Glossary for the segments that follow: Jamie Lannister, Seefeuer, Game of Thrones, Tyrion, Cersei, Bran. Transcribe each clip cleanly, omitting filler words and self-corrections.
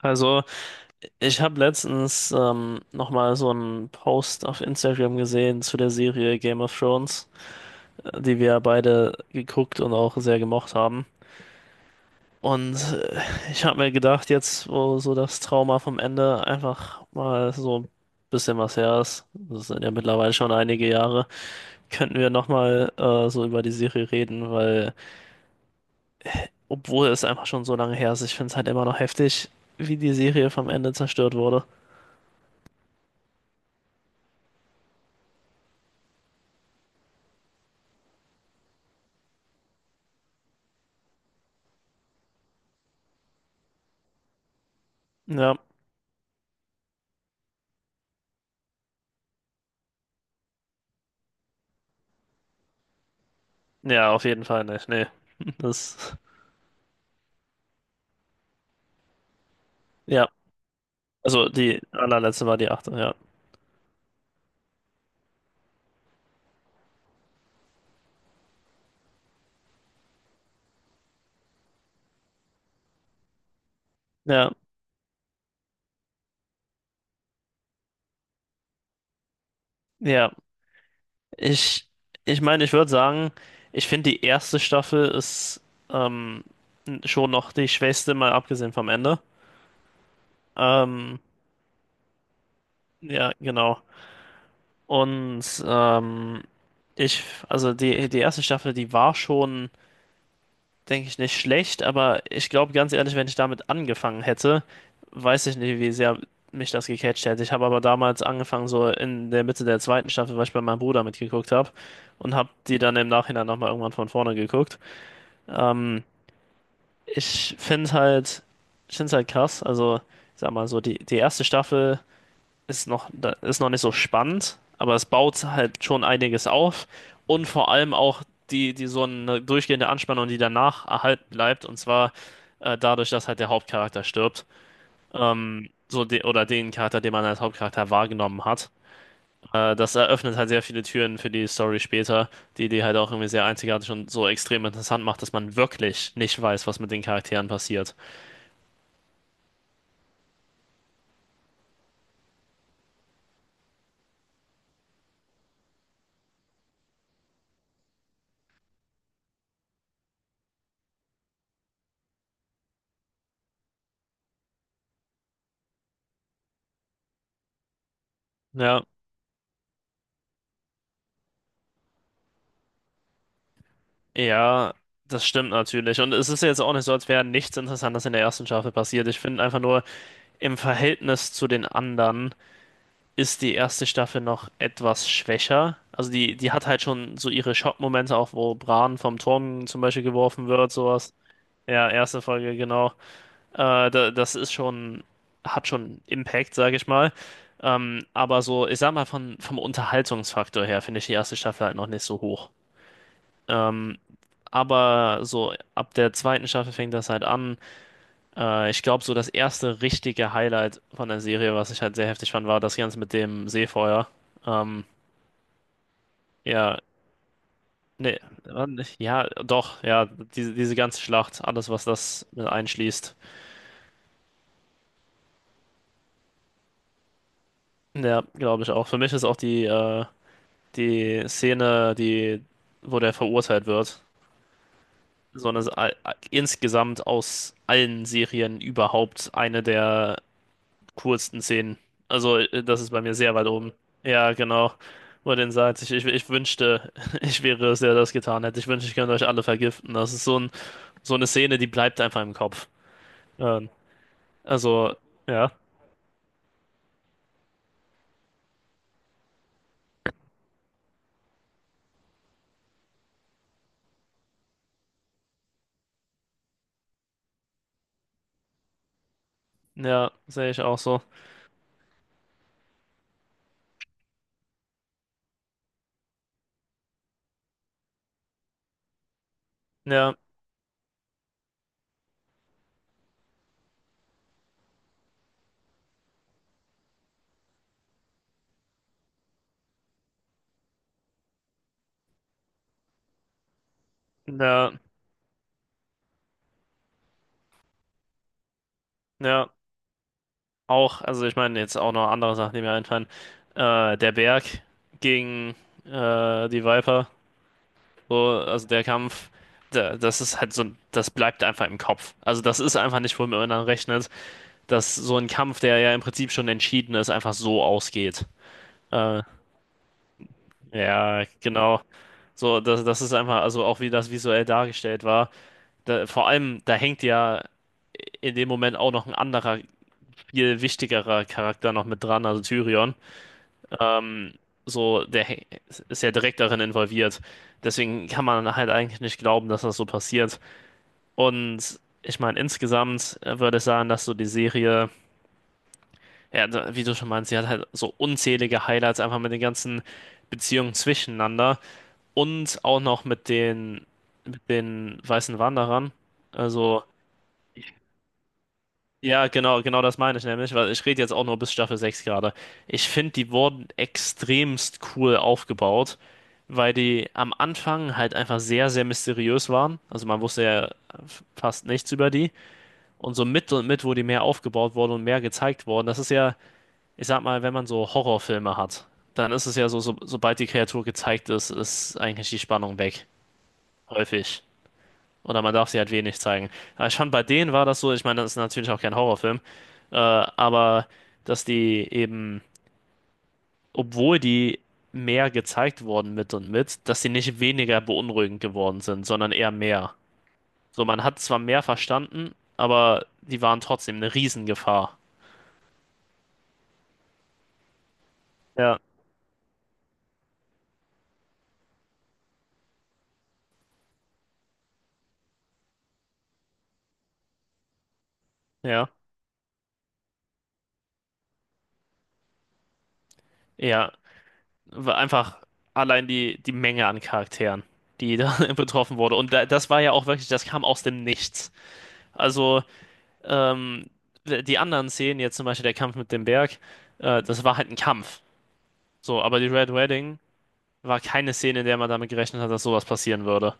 Also, ich habe letztens nochmal so einen Post auf Instagram gesehen zu der Serie Game of Thrones, die wir beide geguckt und auch sehr gemocht haben. Und äh, ich habe mir gedacht, jetzt, wo so das Trauma vom Ende einfach mal so ein bisschen was her ist, das sind ja mittlerweile schon einige Jahre, könnten wir nochmal so über die Serie reden, weil, obwohl es einfach schon so lange her ist, ich finde es halt immer noch heftig, wie die Serie vom Ende zerstört wurde. Ja. Ja, auf jeden Fall nicht. Nee. Das, ja. Also die allerletzte war die achte, ja. Ja, ja. Ich, ich meine, ich würde sagen, ich finde die erste Staffel ist ähm, schon noch die schwächste, mal abgesehen vom Ende. Ähm, ja, genau. Und ähm, also die erste Staffel, die war schon, denke ich, nicht schlecht, aber ich glaube ganz ehrlich, wenn ich damit angefangen hätte, weiß ich nicht, wie sehr mich das gecatcht hätte. Ich habe aber damals angefangen, so in der Mitte der zweiten Staffel, weil ich bei meinem Bruder mitgeguckt habe und habe die dann im Nachhinein nochmal irgendwann von vorne geguckt. Ähm, ich finde halt, ich finde halt krass, also ich sag mal so, die erste Staffel ist noch, da ist noch nicht so spannend, aber es baut halt schon einiges auf, und vor allem auch die so eine durchgehende Anspannung, die danach erhalten bleibt, und zwar dadurch, dass halt der Hauptcharakter stirbt, so de oder den Charakter, den man als Hauptcharakter wahrgenommen hat. Das eröffnet halt sehr viele Türen für die Story später, die halt auch irgendwie sehr einzigartig und so extrem interessant macht, dass man wirklich nicht weiß, was mit den Charakteren passiert. Ja. Ja, das stimmt natürlich. Und es ist jetzt auch nicht so, als wäre nichts Interessantes in der ersten Staffel passiert. Ich finde einfach nur, im Verhältnis zu den anderen ist die erste Staffel noch etwas schwächer. Also die hat halt schon so ihre Schockmomente, auch wo Bran vom Turm zum Beispiel geworfen wird, sowas. Ja, erste Folge, genau. Das ist schon, hat schon Impact, sage ich mal. Aber so, ich sag mal, vom Unterhaltungsfaktor her finde ich die erste Staffel halt noch nicht so hoch. Ähm, aber so ab der zweiten Staffel fängt das halt an. Ich glaube, so das erste richtige Highlight von der Serie, was ich halt sehr heftig fand, war das Ganze mit dem Seefeuer. Ähm, ja, nee, war nicht- ja, doch, ja, diese ganze Schlacht, alles, was das mit einschließt. Ja, glaube ich auch. Für mich ist auch die Szene, die, wo der verurteilt wird, so eine, insgesamt aus allen Serien überhaupt eine der coolsten Szenen. Also, das ist bei mir sehr weit oben. Ja, genau. Wo er den sagt, ich wünschte, ich wäre es, der das getan hätte. Ich wünschte, ich könnte euch alle vergiften. Das ist so ein, so eine Szene, die bleibt einfach im Kopf. Ähm, also, ja. Ja, sehe ich auch so. Ja, ja, ja. Auch, also ich meine, jetzt auch noch andere Sachen, die mir einfallen. Der Berg gegen die Viper. So, also der Kampf, da, das ist halt so, das bleibt einfach im Kopf. Also das ist einfach nicht, womit man dann rechnet, dass so ein Kampf, der ja im Prinzip schon entschieden ist, einfach so ausgeht. Äh, ja, genau. So, das ist einfach, also auch wie das visuell dargestellt war. Da, vor allem, da hängt ja in dem Moment auch noch ein anderer, viel wichtigerer Charakter noch mit dran, also Tyrion. Ähm, so, der hä- ist ja direkt darin involviert. Deswegen kann man halt eigentlich nicht glauben, dass das so passiert. Und ich meine, insgesamt würde ich sagen, dass so die Serie, ja, da- wie du schon meinst, sie hat halt so unzählige Highlights einfach mit den ganzen Beziehungen zwischeneinander und auch noch mit den weißen Wanderern. Also, ja, genau, genau das meine ich nämlich, weil ich rede jetzt auch nur bis Staffel 6 gerade. Ich finde, die wurden extremst cool aufgebaut, weil die am Anfang halt einfach sehr, sehr mysteriös waren. Also man wusste ja fast nichts über die. Und so mit und mit, wo die mehr aufgebaut wurden und mehr gezeigt wurden, das ist ja, ich sag mal, wenn man so Horrorfilme hat, dann ist es ja so, sobald die Kreatur gezeigt ist, ist eigentlich die Spannung weg. Häufig. Oder man darf sie halt wenig zeigen. Aber schon bei denen war das so, ich meine, das ist natürlich auch kein Horrorfilm, aber dass die eben, obwohl die mehr gezeigt wurden mit und mit, dass die nicht weniger beunruhigend geworden sind, sondern eher mehr. So, man hat zwar mehr verstanden, aber die waren trotzdem eine Riesengefahr. Ja, ja. Ja, weil einfach allein die Menge an Charakteren, die da betroffen wurde. Und da, das war ja auch wirklich, das kam aus dem Nichts. Also, ähm, die anderen Szenen, jetzt zum Beispiel der Kampf mit dem Berg, das war halt ein Kampf. So, aber die Red Wedding war keine Szene, in der man damit gerechnet hat, dass sowas passieren würde.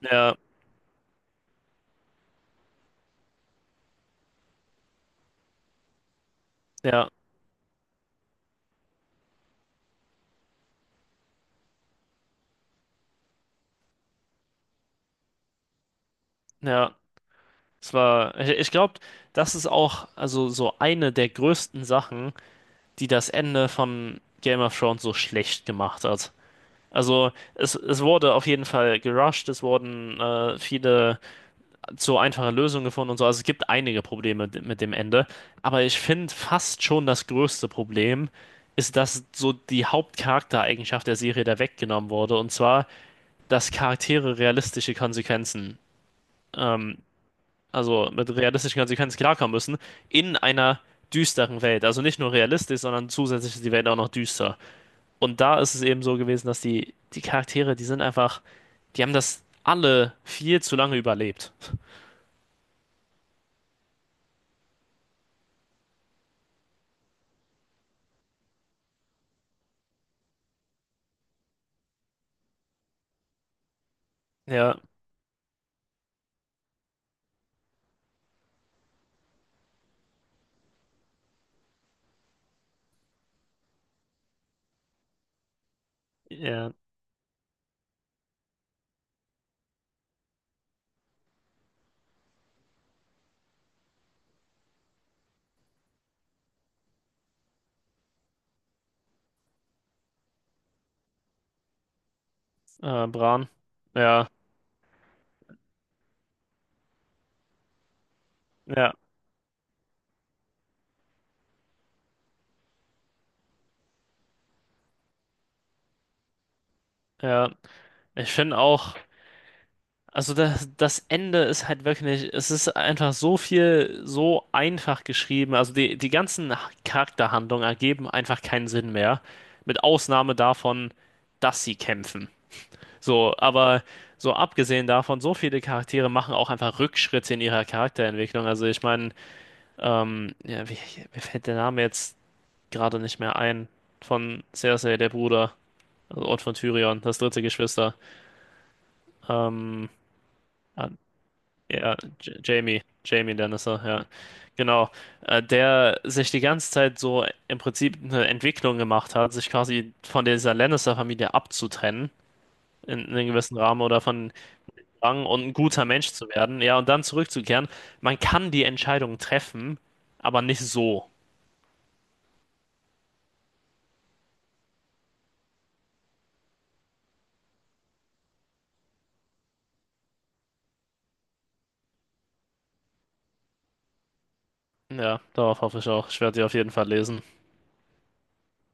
Ja, ja, ja. Es war, ich glaube, das ist auch also so eine der größten Sachen, die das Ende von Game of Thrones so schlecht gemacht hat. Also es wurde auf jeden Fall gerusht, es wurden viele so einfache Lösungen gefunden und so. Also es gibt einige Probleme d- mit dem Ende, aber ich finde fast schon das größte Problem ist, dass so die Hauptcharaktereigenschaft der Serie da weggenommen wurde und zwar, dass Charaktere realistische Konsequenzen, ähm, also mit realistischen Konsequenzen klarkommen müssen in einer düsteren Welt. Also nicht nur realistisch, sondern zusätzlich ist die Welt auch noch düster. Und da ist es eben so gewesen, dass die Charaktere, die sind einfach, die haben das alle viel zu lange überlebt. Ja, ja, Bran. Ja, ja, ja. Ich finde auch, also das Ende ist halt wirklich, es ist einfach so viel, so einfach geschrieben. Also die ganzen Charakterhandlungen ergeben einfach keinen Sinn mehr. Mit Ausnahme davon, dass sie kämpfen. So, aber so abgesehen davon, so viele Charaktere machen auch einfach Rückschritte in ihrer Charakterentwicklung. Also ich meine, ähm, ja, wie, mir fällt der Name jetzt gerade nicht mehr ein. Von Cersei, der Bruder, also Ort von Tyrion, das dritte Geschwister. Ähm, ah, ja, J Jamie, Jamie Lannister, ja. Genau. Der sich die ganze Zeit so im Prinzip eine Entwicklung gemacht hat, sich quasi von dieser Lannister-Familie abzutrennen. In einem gewissen Rahmen oder von Rang und ein guter Mensch zu werden, ja, und dann zurückzukehren. Man kann die Entscheidung treffen, aber nicht so. Ja, darauf hoffe ich auch. Ich werde die auf jeden Fall lesen.